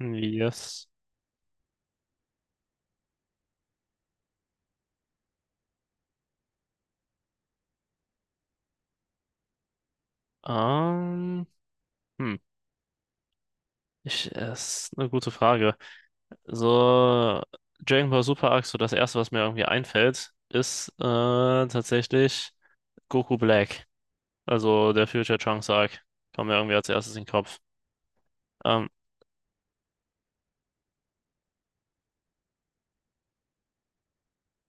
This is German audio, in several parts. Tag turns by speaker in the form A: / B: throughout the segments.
A: Yes. Ähm, hm. Ist eine gute Frage. So, Dragon Ball Super Arc, so das erste, was mir irgendwie einfällt, ist tatsächlich Goku Black. Also der Future Trunks Arc. Kommt mir irgendwie als erstes in den Kopf. Ähm,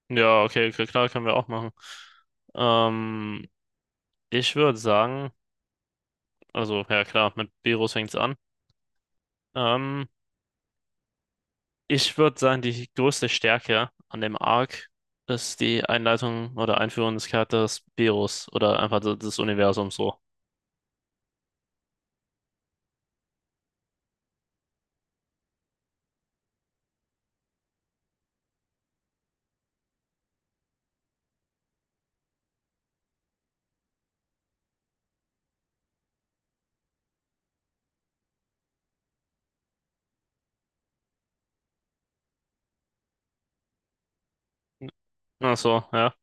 A: ja, okay, klar, können wir auch machen. Ähm, ich würde sagen, also ja klar, mit Beerus fängt's an. Ähm, Ich würde sagen, die größte Stärke an dem Arc ist die Einleitung oder Einführung des Charakters Beerus oder einfach des Universums so. Ach so, ja.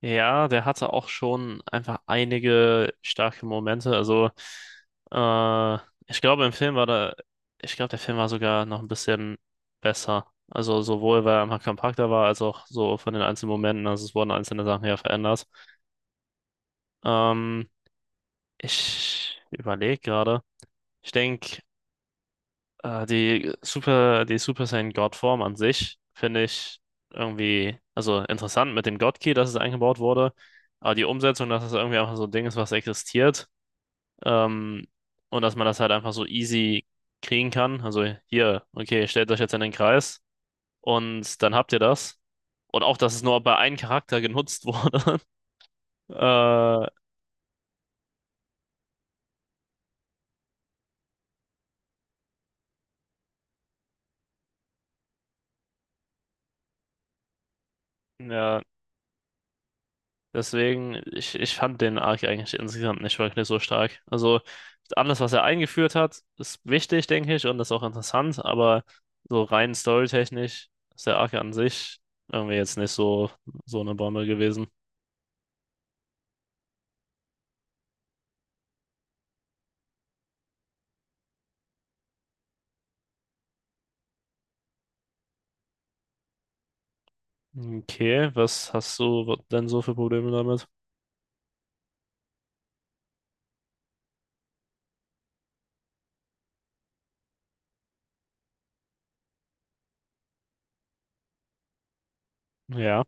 A: Ja, der hatte auch schon einfach einige starke Momente. Also, äh, ich glaube, im Film war da, ich glaube, der Film war sogar noch ein bisschen besser. Also, sowohl weil er einfach kompakter war, als auch so von den einzelnen Momenten. Also, es wurden einzelne Sachen ja verändert. Ähm, ich überlege gerade. Ich denke. Die Super Saiyan Godform an sich finde ich irgendwie, also interessant mit dem God Key, dass es eingebaut wurde, aber die Umsetzung, dass es irgendwie einfach so ein Ding ist, was existiert, ähm, und dass man das halt einfach so easy kriegen kann. Also hier, okay, stellt euch jetzt in den Kreis und dann habt ihr das. Und auch, dass es nur bei einem Charakter genutzt wurde. Äh, ja. Deswegen ich fand den Arc eigentlich insgesamt nicht wirklich so stark. Also, alles, was er eingeführt hat, ist wichtig, denke ich, und ist auch interessant, aber so rein storytechnisch ist der Arc an sich irgendwie jetzt nicht so, so eine Bombe gewesen. Okay, was hast du denn so für Probleme damit? Ja,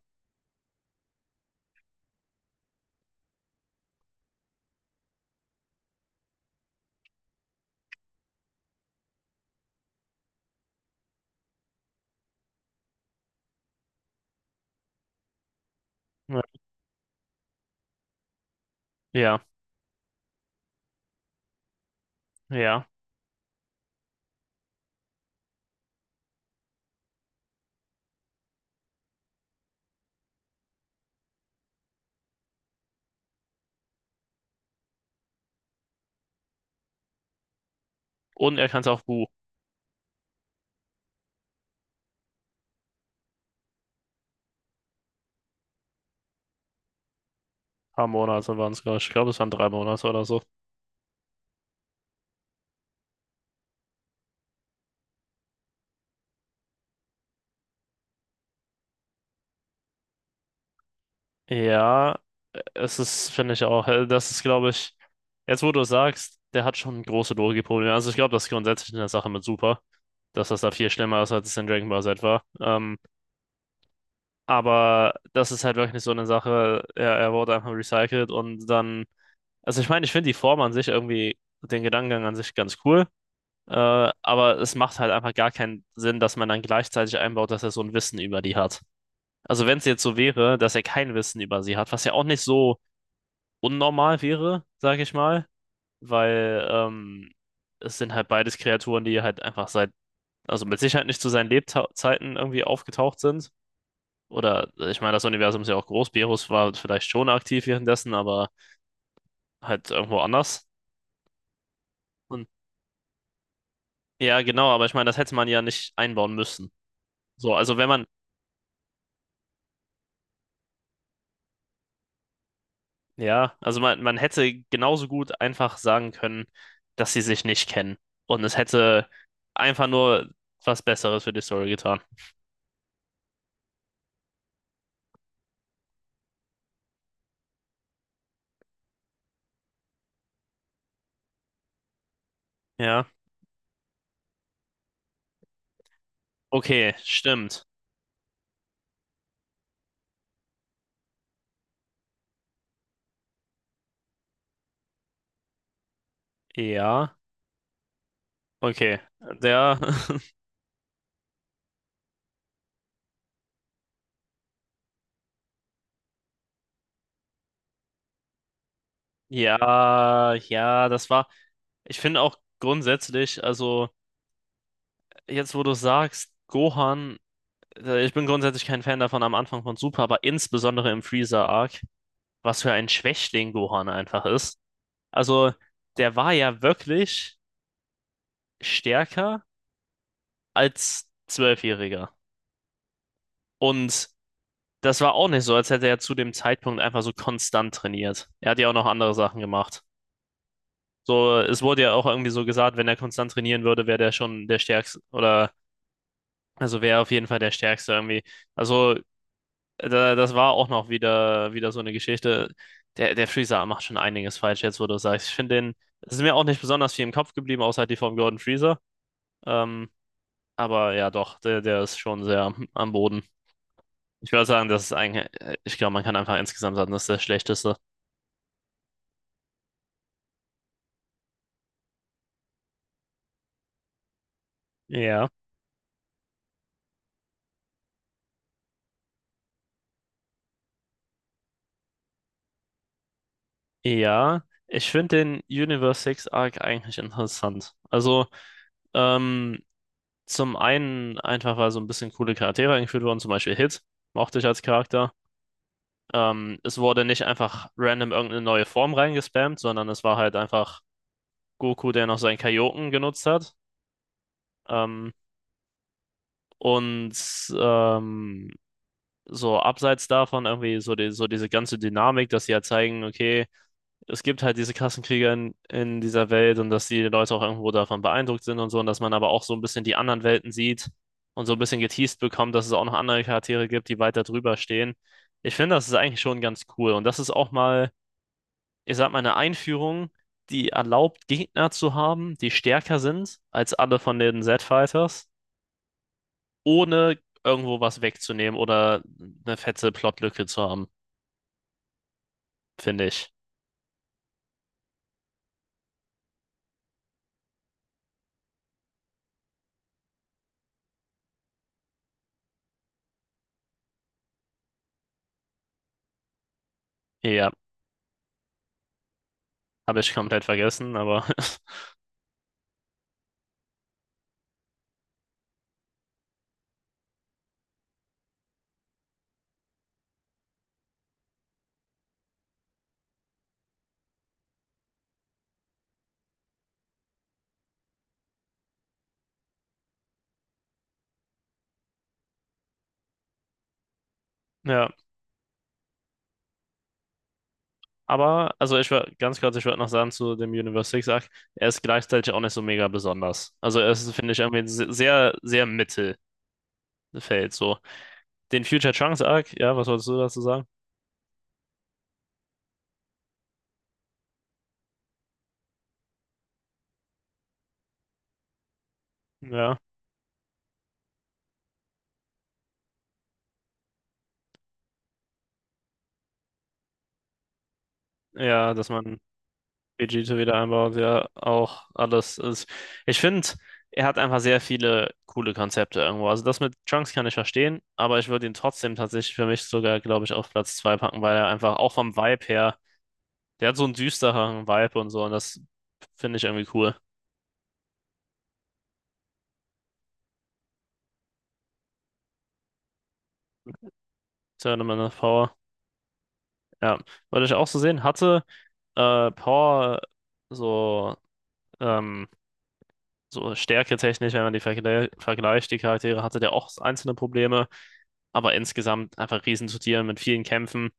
A: ja, ja. Ja. Und er kann es auch Bu. Ein paar Monate waren es, glaube ich. Ich glaube, es waren drei Monate oder so. Ja, es ist, finde ich auch, das ist, glaube ich, jetzt wo du es sagst, der hat schon große Logikprobleme. Also ich glaube, das ist grundsätzlich in der Sache mit Super, dass das da viel schlimmer ist, als es in Dragon Ball Z war. Aber das ist halt wirklich so eine Sache, er wurde einfach recycelt und dann, also ich meine, ich finde die Form an sich irgendwie, den Gedankengang an sich ganz cool, äh, aber es macht halt einfach gar keinen Sinn, dass man dann gleichzeitig einbaut, dass er so ein Wissen über die hat. Also wenn es jetzt so wäre, dass er kein Wissen über sie hat, was ja auch nicht so unnormal wäre, sage ich mal, weil es sind halt beides Kreaturen, die halt einfach seit, also mit Sicherheit nicht zu seinen Lebzeiten irgendwie aufgetaucht sind. Oder ich meine, das Universum ist ja auch groß. Berus war vielleicht schon aktiv währenddessen, aber halt irgendwo anders. Und ja, genau, aber ich meine, das hätte man ja nicht einbauen müssen. So, also wenn man, ja, also man hätte genauso gut einfach sagen können, dass sie sich nicht kennen. Und es hätte einfach nur was Besseres für die Story getan. Ja. Okay, stimmt. Ja, okay. Der, ja, ja, das war, ich finde auch grundsätzlich, also jetzt wo du sagst, Gohan, ich bin grundsätzlich kein Fan davon am Anfang von Super, aber insbesondere im Freezer-Arc, was für ein Schwächling Gohan einfach ist. Also, der war ja wirklich stärker als Zwölfjähriger. Und das war auch nicht so, als hätte er zu dem Zeitpunkt einfach so konstant trainiert. Er hat ja auch noch andere Sachen gemacht. So, es wurde ja auch irgendwie so gesagt, wenn er konstant trainieren würde, wäre der schon der Stärkste oder also wäre auf jeden Fall der Stärkste irgendwie. Also da, das war auch noch wieder so eine Geschichte. Der Freezer macht schon einiges falsch jetzt, wo du sagst. Ich finde den, es ist mir auch nicht besonders viel im Kopf geblieben, außer halt die vom Gordon Freezer. Ähm, aber ja, doch, der ist schon sehr Boden. Ich würde sagen, das ist eigentlich, ich glaube, man kann einfach insgesamt sagen, das ist der schlechteste. Ja. Ja, ich finde den Universe 6 Arc eigentlich interessant. Also, Ähm, zum einen einfach, weil so ein bisschen coole Charaktere eingeführt wurden, zum Beispiel Hit, mochte ich als Charakter. Es wurde nicht einfach random irgendeine neue Form reingespammt, sondern es war halt einfach Goku, der noch seinen Kaioken genutzt hat. Ähm, und ähm, so abseits davon irgendwie so, die, so diese ganze Dynamik, dass sie ja halt zeigen, okay, es gibt halt diese Kassenkriege in dieser Welt und dass die Leute auch irgendwo davon beeindruckt sind und so und dass man aber auch so ein bisschen die anderen Welten sieht und so ein bisschen geteased bekommt, dass es auch noch andere Charaktere gibt, die weiter drüber stehen. Ich finde, das ist eigentlich schon ganz cool und das ist auch mal, ich sag mal, eine Einführung, die erlaubt, Gegner zu haben, die stärker sind als alle von den Z-Fighters, ohne irgendwo was wegzunehmen oder eine fette Plotlücke zu haben, finde ich. Ja, habe ich komplett vergessen, aber ja. Aber, also ich würde ganz kurz, ich würde noch sagen zu dem Universe Six-Arc, er ist gleichzeitig auch nicht so mega besonders. Also er ist, finde ich, irgendwie ein sehr, sehr Mittelfeld so. Den Future Trunks-Arc, ja, was wolltest du dazu sagen? Ja, ja, dass man Vegeta wieder einbaut, ja, auch alles ist. Ich finde, er hat einfach sehr viele coole Konzepte irgendwo. Also das mit Trunks kann ich verstehen, aber ich würde ihn trotzdem tatsächlich für mich sogar, glaube ich, auf Platz 2 packen, weil er einfach auch vom Vibe her, der hat so einen düsteren Vibe und so und das finde ich irgendwie cool. Tournament of Power. Ja, wollte ich auch so sehen. Hatte Power so, ähm, so stärketechnisch, wenn man die vergleicht, die Charaktere, hatte der auch einzelne Probleme, aber insgesamt einfach riesen zu Tieren mit vielen Kämpfen,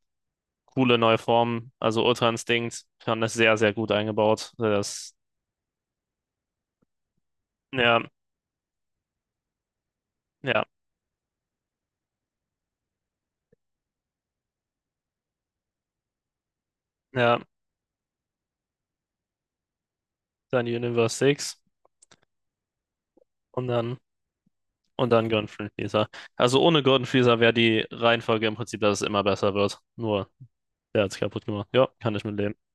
A: coole neue Formen, also Ultra Instinct, fand das sehr, sehr gut eingebaut. Das, ja, ja, ja, dann Universe 6 und dann Golden Freezer. Also ohne Golden Freezer wäre die Reihenfolge im Prinzip, dass es immer besser wird. Nur der hat es kaputt gemacht. Ja, kann ich mit leben.